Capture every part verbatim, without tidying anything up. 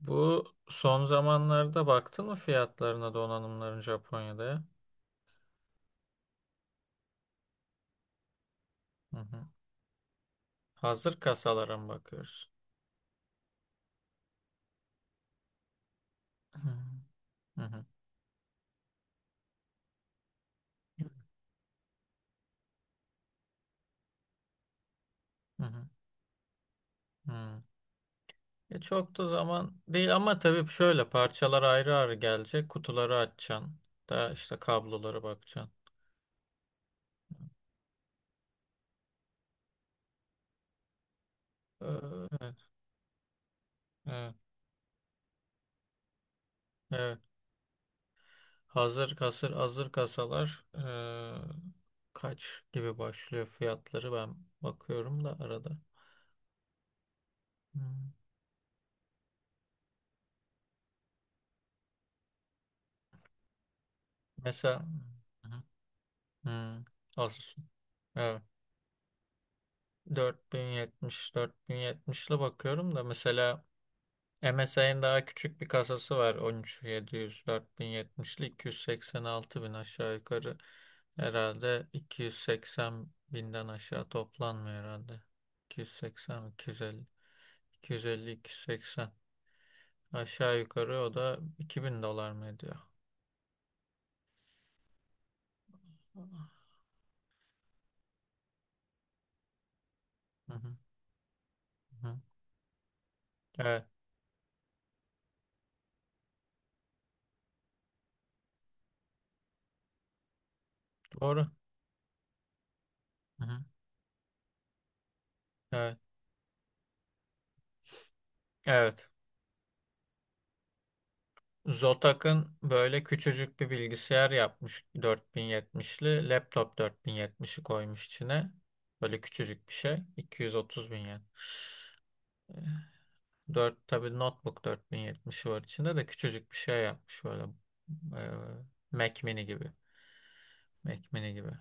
Bu son zamanlarda baktın mı fiyatlarına donanımların Japonya'da ya? Hı hı. Hazır kasalara mı bakıyoruz? Hı hı. Hı hı. Hı. Hı. E çok da zaman değil ama tabii şöyle parçalar ayrı ayrı gelecek. Kutuları açacaksın. Da işte kabloları bakacaksın. Ee, Evet, evet, evet. Hazır kasır hazır kasalar ee, kaç gibi başlıyor fiyatları ben bakıyorum da arada. Hı. Mesela. Hmm. Az. Evet. dört bin yetmiş, dört bin yetmişli bakıyorum da mesela M S I'nin daha küçük bir kasası var. on üç yedi yüz, dört bin yetmişli iki yüz seksen altı bin yetmişli iki yüz seksen altı bin aşağı yukarı. Herhalde iki yüz seksen binden aşağı toplanmıyor herhalde. iki yüz seksen, iki yüz elli, iki yüz elli, iki yüz seksen. Aşağı yukarı o da iki bin dolar mı ediyor? Hı hı, hı hı. Evet, doğru. Hı hı. Evet. Evet. Zotac'ın böyle küçücük bir bilgisayar yapmış dört bin yetmişli. Laptop dört bin yetmişi koymuş içine. Böyle küçücük bir şey. iki yüz otuz bin yen. dört tabii notebook dört bin yetmişi var içinde de küçücük bir şey yapmış böyle. e, Mac mini gibi. Mac mini gibi.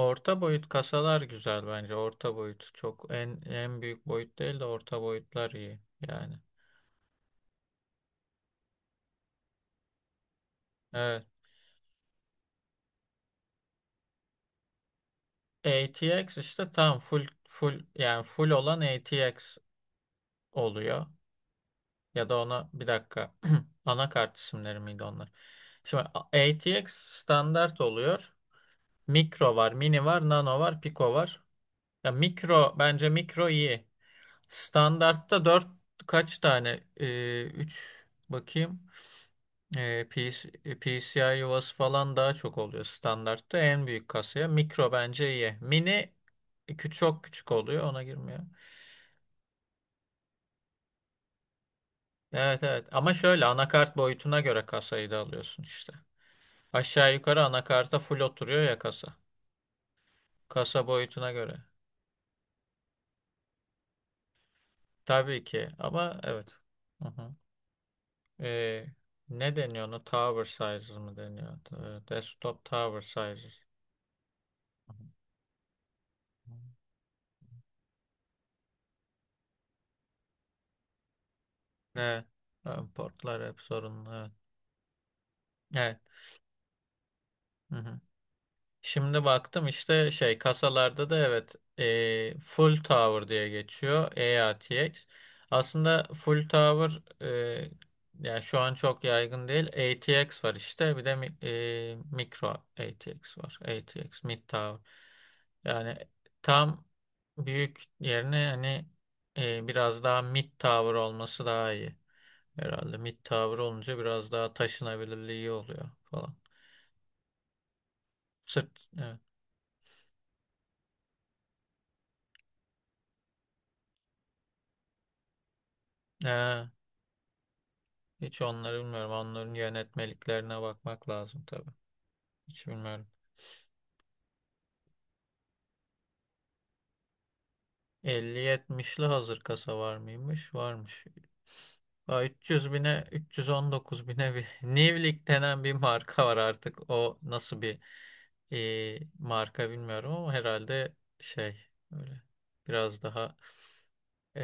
Orta boyut kasalar güzel bence. Orta boyut çok en en büyük boyut değil de orta boyutlar iyi yani. Evet. A T X işte tam full full yani full olan A T X. Oluyor. Ya da ona bir dakika anakart isimleri miydi onlar? Şimdi A T X standart oluyor. Mikro var, mini var, nano var, pico var. Ya mikro bence mikro iyi. Standartta dört kaç tane? Ee, üç bakayım. Ee, P C, P C I yuvası falan daha çok oluyor standartta en büyük kasaya. Mikro bence iyi. Mini küçük çok küçük oluyor ona girmiyor. Evet evet ama şöyle anakart boyutuna göre kasayı da alıyorsun işte. Aşağı yukarı anakarta full oturuyor ya kasa. Kasa boyutuna göre. Tabii ki ama evet. Hı hı. Ee, Ne deniyor ona? Tower sizes mı deniyor? Ee, Desktop tower sizes. Hı hı. Evet. Ee, Portlar hep sorunlu. Evet. Evet. Hı hı. Şimdi baktım işte şey kasalarda da evet e, full tower diye geçiyor E A T X. Aslında full tower e, yani şu an çok yaygın değil. A T X var işte bir de mi- e, mikro A T X var. A T X mid tower. Yani tam büyük yerine hani e, biraz daha mid tower olması daha iyi. Herhalde mid tower olunca biraz daha taşınabilirliği oluyor falan. Sırt evet. Hiç onları bilmiyorum. Onların yönetmeliklerine bakmak lazım tabii. Hiç bilmiyorum. Elli yetmişli hazır kasa var mıymış? Varmış. Aa, üç yüz bine, üç yüz on dokuz bine bir Nivlik denen bir marka var artık. O nasıl bir e, marka bilmiyorum ama herhalde şey öyle biraz daha e,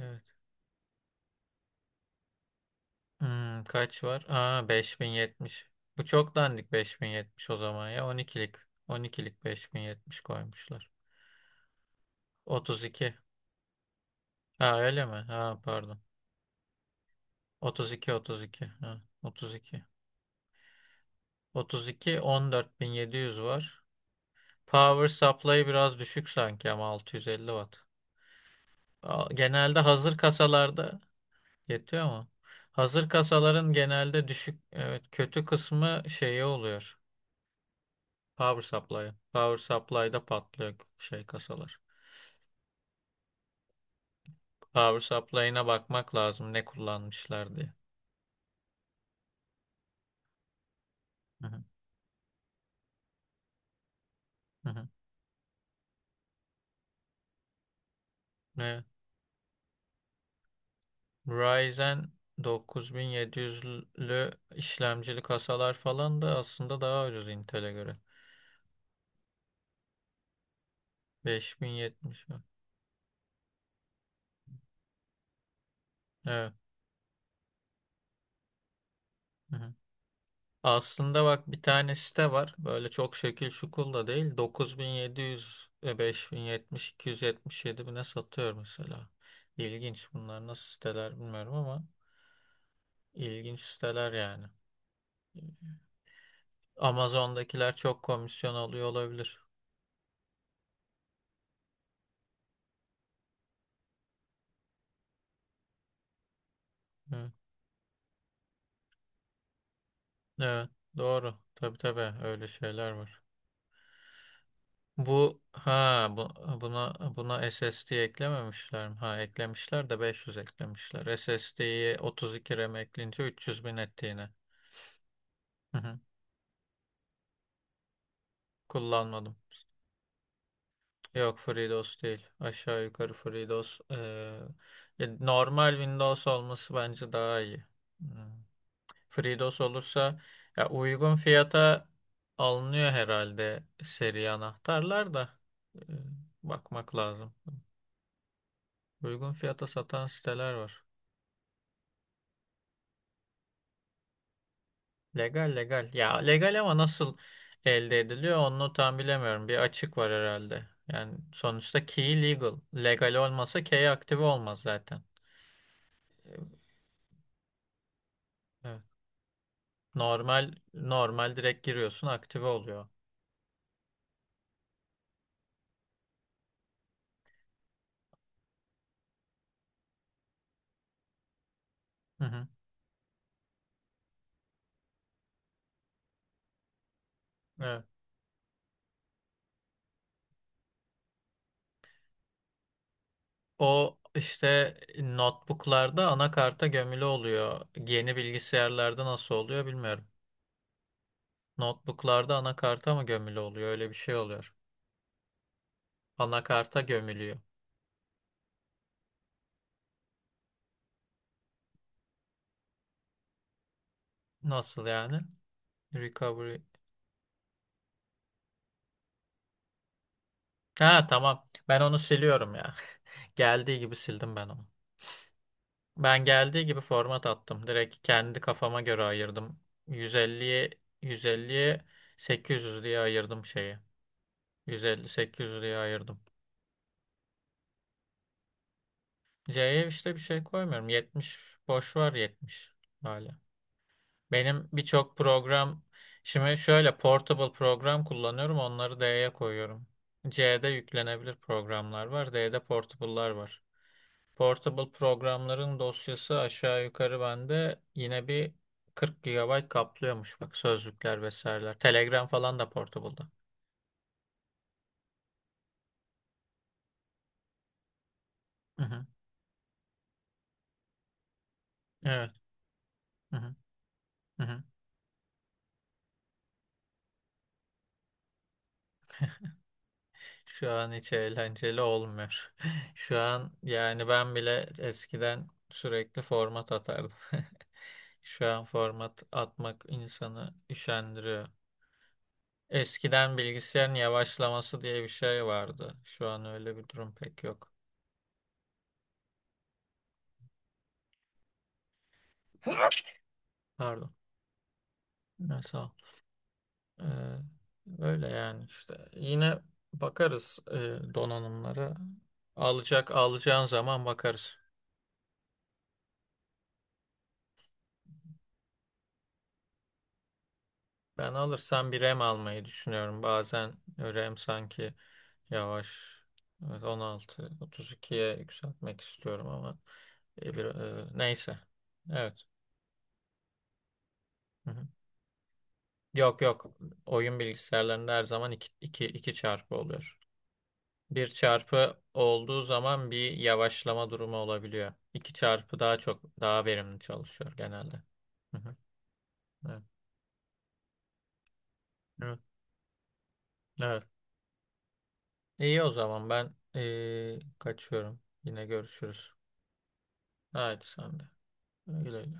evet. Hmm, kaç var? Aa beş bin yetmiş. Bu çok dandik beş bin yetmiş o zaman ya On on ikilik, on ikilik beş bin yetmiş koymuşlar. Otuz iki. Ha öyle mi? Ha pardon. Otuz iki otuz iki. Ha, otuz Otuz iki. Otuz iki on dört bin yedi yüz var. Power supply biraz düşük sanki ama altı yüz elli watt. A- Genelde hazır kasalarda yetiyor mu? Hazır kasaların genelde düşük evet kötü kısmı şeyi oluyor. Power supply. Power supply'da patlıyor şey kasalar. Power supply'ına bakmak lazım ne kullanmışlar diye. Hı hı, hı hı. Evet. Ryzen dokuz bin yedi yüzlü işlemcili kasalar falan da aslında daha ucuz Intel'e göre. beş bin yetmiş mi? Evet. Hı hı. Aslında bak bir tane site var. Böyle çok şekil şukul da değil. dokuz bin yedi yüz, e, beş bin yetmiş, iki yüz yetmiş yedi bine satıyor mesela. İlginç bunlar nasıl siteler bilmiyorum ama ilginç siteler yani. Amazon'dakiler çok komisyon alıyor olabilir. Hı. Evet, doğru. Tabii tabii öyle şeyler var. Bu ha bu, buna buna S S D eklememişler mi? Ha eklemişler de beş yüz eklemişler. S S D'yi otuz iki RAM ekleyince üç yüz bin etti yine. Hı hı. Kullanmadım. Yok FreeDOS değil. Aşağı yukarı FreeDOS. Ee, ya normal Windows olması bence daha iyi. Hmm. FreeDOS olursa ya uygun fiyata alınıyor herhalde seri anahtarlar da. Ee, Bakmak lazım. Uygun fiyata satan siteler var. Legal legal. Ya legal ama nasıl elde ediliyor onu tam bilemiyorum. Bir açık var herhalde. Yani sonuçta key legal. Legal olmasa key aktive olmaz zaten. Evet. Normal normal direkt giriyorsun aktive oluyor. Hı hı. Evet. O işte notebooklarda anakarta gömülü oluyor. Yeni bilgisayarlarda nasıl oluyor bilmiyorum. Notebooklarda anakarta mı gömülü oluyor? Öyle bir şey oluyor. Anakarta gömülüyor. Nasıl yani? Recovery. Ha, tamam. Ben onu siliyorum ya. Geldiği gibi sildim ben onu. Ben geldiği gibi format attım. Direkt kendi kafama göre ayırdım. yüz elliye yüz elliye sekiz yüz diye ayırdım şeyi. yüz elli sekiz yüz diye ayırdım. C'ye işte bir şey koymuyorum. yetmiş boş var yetmiş böyle. Benim birçok program şimdi şöyle portable program kullanıyorum. Onları D'ye koyuyorum. C'de yüklenebilir programlar var. D'de portable'lar var. Portable programların dosyası aşağı yukarı bende yine bir kırk gigabayt kaplıyormuş bak sözlükler vesaireler. Telegram falan da portable'da. Hı hı. Evet. Hı hı. Hı hı. Şu an hiç eğlenceli olmuyor. Şu an yani ben bile eskiden sürekli format atardım. Şu an format atmak insanı üşendiriyor. Eskiden bilgisayarın yavaşlaması diye bir şey vardı. Şu an öyle bir durum pek yok. Pardon. Neyse. Ee, Öyle yani işte. Yine bakarız e, donanımlara. Alacak alacağın zaman bakarız. Ben alırsam bir RAM almayı düşünüyorum. Bazen RAM sanki yavaş. Evet, on altı, otuz ikiye yükseltmek istiyorum ama e, bir e, neyse. Evet. Hı hı. Yok yok. Oyun bilgisayarlarında her zaman iki iki iki çarpı oluyor. Bir çarpı olduğu zaman bir yavaşlama durumu olabiliyor. İki çarpı daha çok daha verimli çalışıyor genelde. Hı hı. Evet. Evet. Evet. İyi o zaman ben eee, kaçıyorum. Yine görüşürüz. Haydi sen de. Güle güle.